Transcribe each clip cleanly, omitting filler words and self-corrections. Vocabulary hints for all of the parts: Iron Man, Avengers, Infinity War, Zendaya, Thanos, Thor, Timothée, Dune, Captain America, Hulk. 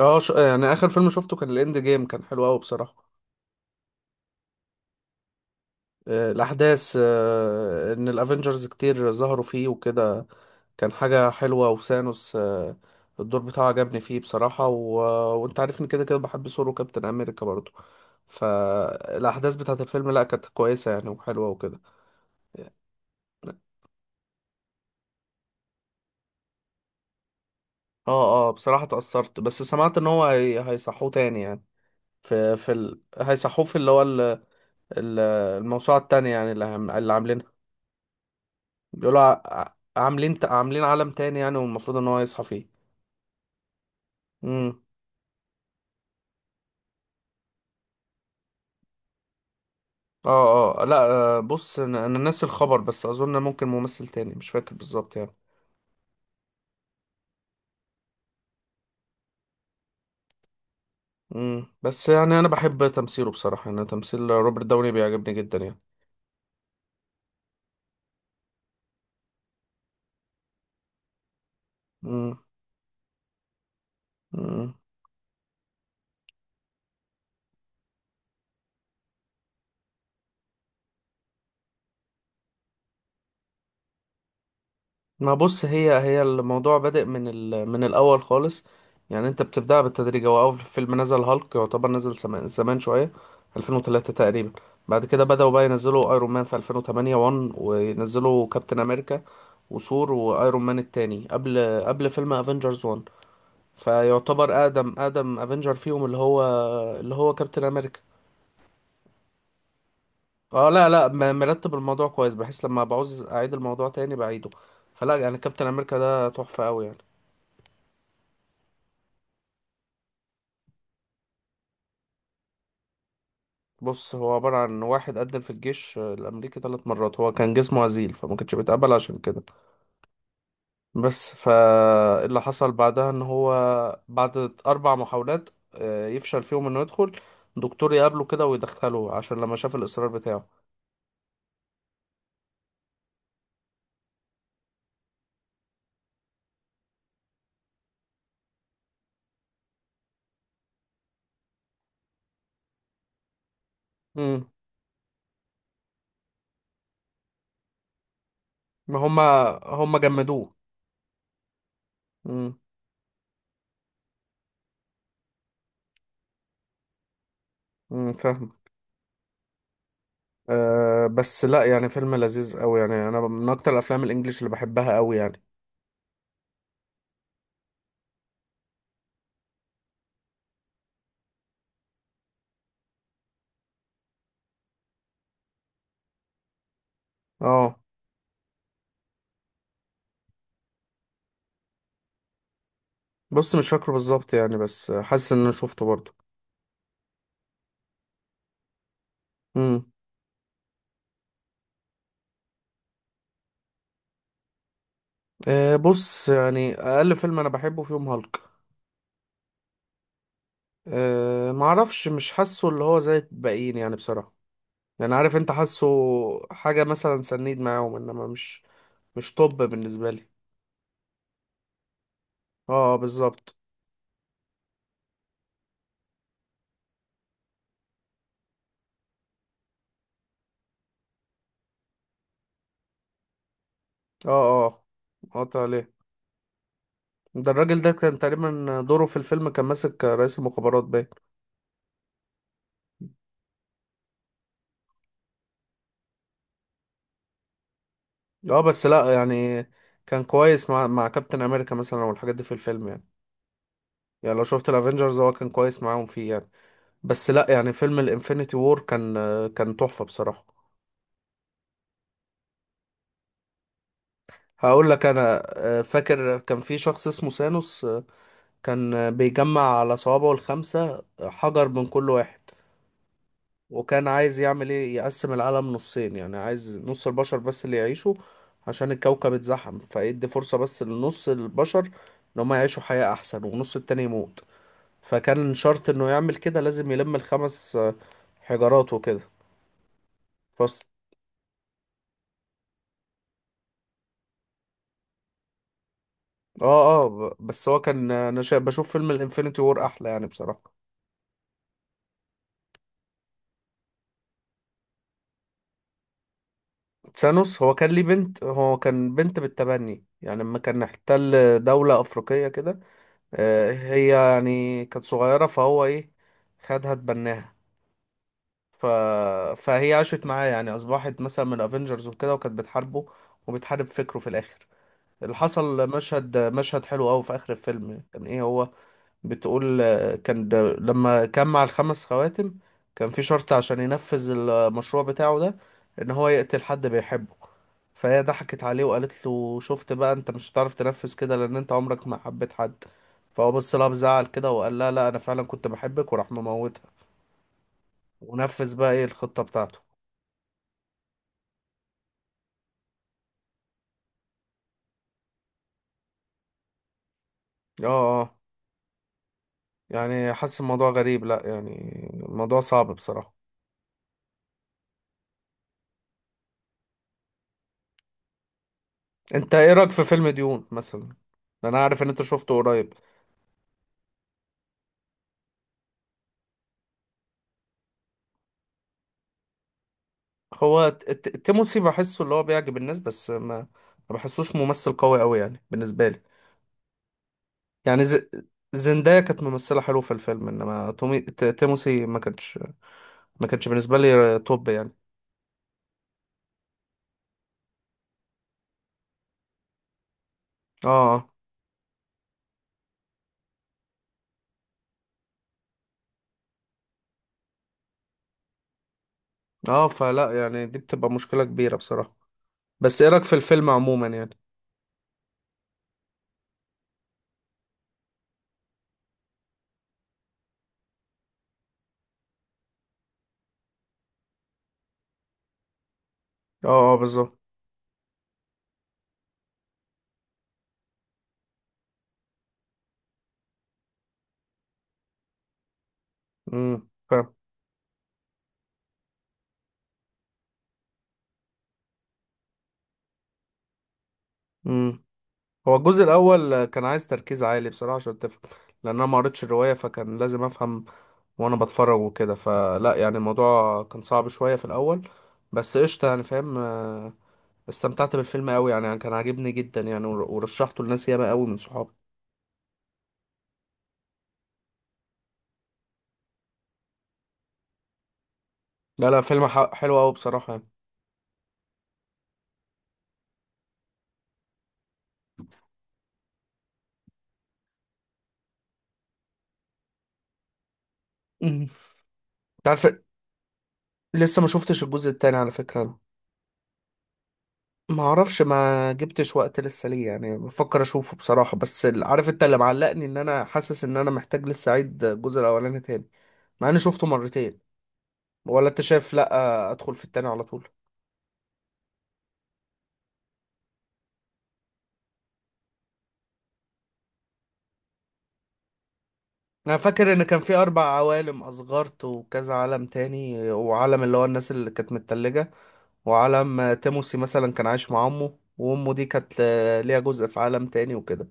اه يعني اخر فيلم شفته كان الاند جيم، كان حلو قوي بصراحه. الاحداث، ان الافنجرز كتير ظهروا فيه وكده. كان حاجه حلوه وسانوس. الدور بتاعه عجبني فيه بصراحه. وانت عارفني كده كده بحب ثور وكابتن امريكا برضه. فالاحداث بتاعت الفيلم، لا كانت كويسه يعني، وحلوه وكده. اه، اه، بصراحه اتاثرت، بس سمعت ان هو هيصحوه تاني يعني. في هيصحوه في اللي هو. ال- الموسوعه التانيه، يعني اللي عاملينها. بيقولوا عاملين عالم تاني يعني، والمفروض ان هو يصحى فيه. امم اه، اه، لا. بص انا ناسي الخبر، بس اظن ممكن ممثل تاني، مش فاكر بالظبط يعني. بس يعني انا بحب تمثيله بصراحة، يعني تمثيل روبرت داوني بيعجبني جدا يعني. امم ما بص هي الموضوع بادئ من الاول خالص. يعني انت بتبدأ بالتدريج، هو اول فيلم نزل هالك يعتبر نزل زمان زمان شويه، 2003 تقريبا. بعد كده بدأوا بقى ينزلوا ايرون مان في 2008 1، وينزلوا كابتن امريكا وثور وايرون مان التاني قبل فيلم افنجرز 1. فيعتبر اقدم افنجر فيهم، اللي هو كابتن امريكا. اه، لا، لا، مرتب الموضوع كويس، بحيث لما بعوز اعيد الموضوع تاني بعيده. فلا يعني كابتن امريكا ده تحفه قوي يعني. بص هو عبارة عن واحد قدم في الجيش الأمريكي ثلاث مرات، هو كان جسمه هزيل فما كانش بيتقبل عشان كده. بس فاللي حصل بعدها إن هو، بعد أربع محاولات يفشل فيهم إنه يدخل، دكتور يقابله كده ويدخله عشان لما شاف الإصرار بتاعه. مم. ما هما هما جمدوه. مم. مم. فاهم. أه، بس لا يعني فيلم لذيذ أوي يعني، أنا من أكتر الأفلام الإنجليش اللي بحبها أوي يعني. اه، بص مش فاكره بالظبط يعني، بس حاسس إن أنا شفته برضه. مم. أه، بص يعني اقل فيلم انا بحبه فيهم هالك. أه، معرفش، مش حاسه اللي هو زي الباقيين يعني بصراحه. يعني عارف انت، حاسه حاجه مثلا سنيد معاهم، انما مش، مش طب بالنسبه لي. اه، بالظبط. اه، اه، قطع عليه. ده الراجل ده كان تقريبا دوره في الفيلم كان ماسك رئيس المخابرات باين. اه، بس لا يعني كان كويس مع كابتن امريكا مثلا والحاجات دي في الفيلم يعني. يعني لو شفت الافينجرز هو كان كويس معاهم فيه يعني. بس لا يعني فيلم الانفينيتي وور كان، كان تحفة بصراحة. هقول لك انا، فاكر كان في شخص اسمه سانوس. كان بيجمع على صوابعه الخمسة حجر من كل واحد. وكان عايز يعمل ايه، يقسم العالم نصين، يعني عايز نص البشر بس اللي يعيشوا، عشان الكوكب اتزحم، فيدي فرصة بس لنص البشر ان هم يعيشوا حياة احسن، والنص التاني يموت. فكان شرط انه يعمل كده لازم يلم الخمس حجارات وكده. اه، اه، بس هو كان انا بشوف فيلم الانفينيتي وور احلى يعني بصراحة. تسانوس هو كان ليه بنت، هو كان بنت بالتبني يعني، لما كان احتل دولة افريقية كده. هي يعني كانت صغيرة، فهو ايه، خدها اتبناها ف... فهي عاشت معاه يعني، اصبحت مثلا من افنجرز وكده، وكانت بتحاربه وبتحارب فكره في الاخر. اللي حصل مشهد حلو قوي في اخر الفيلم يعني، كان ايه هو بتقول، كان ده لما جمع الخمس خواتم كان في شرط عشان ينفذ المشروع بتاعه ده، ان هو يقتل حد بيحبه. فهي ضحكت عليه وقالت له، شفت بقى، انت مش هتعرف تنفذ كده لان انت عمرك ما حبيت حد. فهو بص لها بزعل كده وقال لها، لا، انا فعلا كنت بحبك، وراح مموتها ونفذ بقى ايه الخطة بتاعته. اه، اه، يعني حاسس الموضوع غريب، لا يعني الموضوع صعب بصراحة. انت ايه رأيك في فيلم ديون مثلا؟ انا عارف ان انت شفته قريب. هو تيموسي بحسه اللي هو بيعجب الناس، بس ما بحسوش ممثل قوي قوي يعني بالنسبة لي. يعني, زندايا كانت ممثلة حلوة في الفيلم، انما تيموسي ما كانش بالنسبة لي توب يعني. اه، اه، فلا يعني دي بتبقى مشكلة كبيرة بصراحة. بس ايه رأيك في الفيلم عموما يعني؟ اه، اه، بالظبط. فاهم. امم هو الجزء الاول كان عايز تركيز عالي بصراحة عشان تفهم، لان انا ما قريتش الرواية فكان لازم افهم وانا بتفرج وكده، فلا يعني الموضوع كان صعب شوية في الاول، بس قشطة يعني فاهم. استمتعت بالفيلم قوي يعني, يعني كان عاجبني جدا يعني، ورشحته لناس ياما قوي من صحابي. لا، لا، فيلم حلو قوي بصراحة يعني. مم. انت عارف، لسه ما شفتش الجزء التاني على فكرة انا. ما اعرفش، ما جبتش وقت لسه ليه، يعني بفكر اشوفه بصراحة، بس عارف انت اللي معلقني، ان انا حاسس ان انا محتاج لسه اعيد الجزء الاولاني تاني، مع اني شفته مرتين. ولا انت شايف، لا، ادخل في التاني على طول؟ انا فاكر ان كان في اربع عوالم، اسغارت وكذا عالم تاني، وعالم اللي هو الناس اللي كانت متلجة، وعالم تيموسي مثلا كان عايش مع امه، وامه دي كانت ليها جزء في عالم تاني وكده.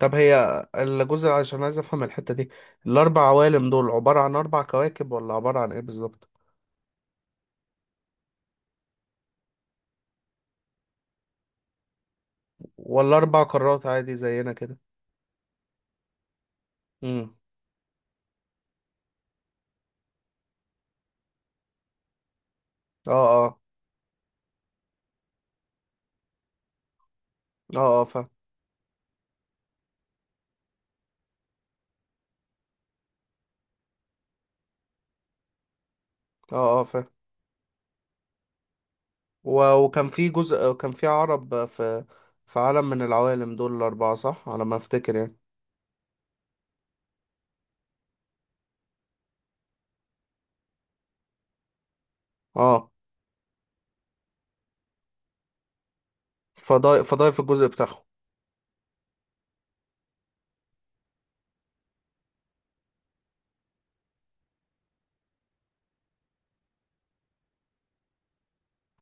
طب هي الجزء، عشان عايز افهم الحتة دي، الاربع عوالم دول عبارة عن اربع كواكب، ولا عبارة عن ايه بالظبط؟ ولا اربع قارات عادي زينا كده؟ امم اه، اه، اه، اه، فاهم. اه، اه، فاهم. وكان في جزء كان في عرب في، في عالم من العوالم دول الاربعة، صح على ما افتكر يعني؟ اه، فضايق فضايق في الجزء بتاعهم.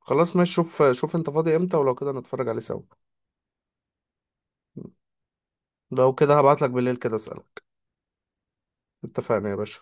خلاص ماشي، شوف شوف انت فاضي امتى، ولو كده نتفرج عليه سوا. لو كده هبعتلك بالليل كده اسألك. اتفقنا يا باشا.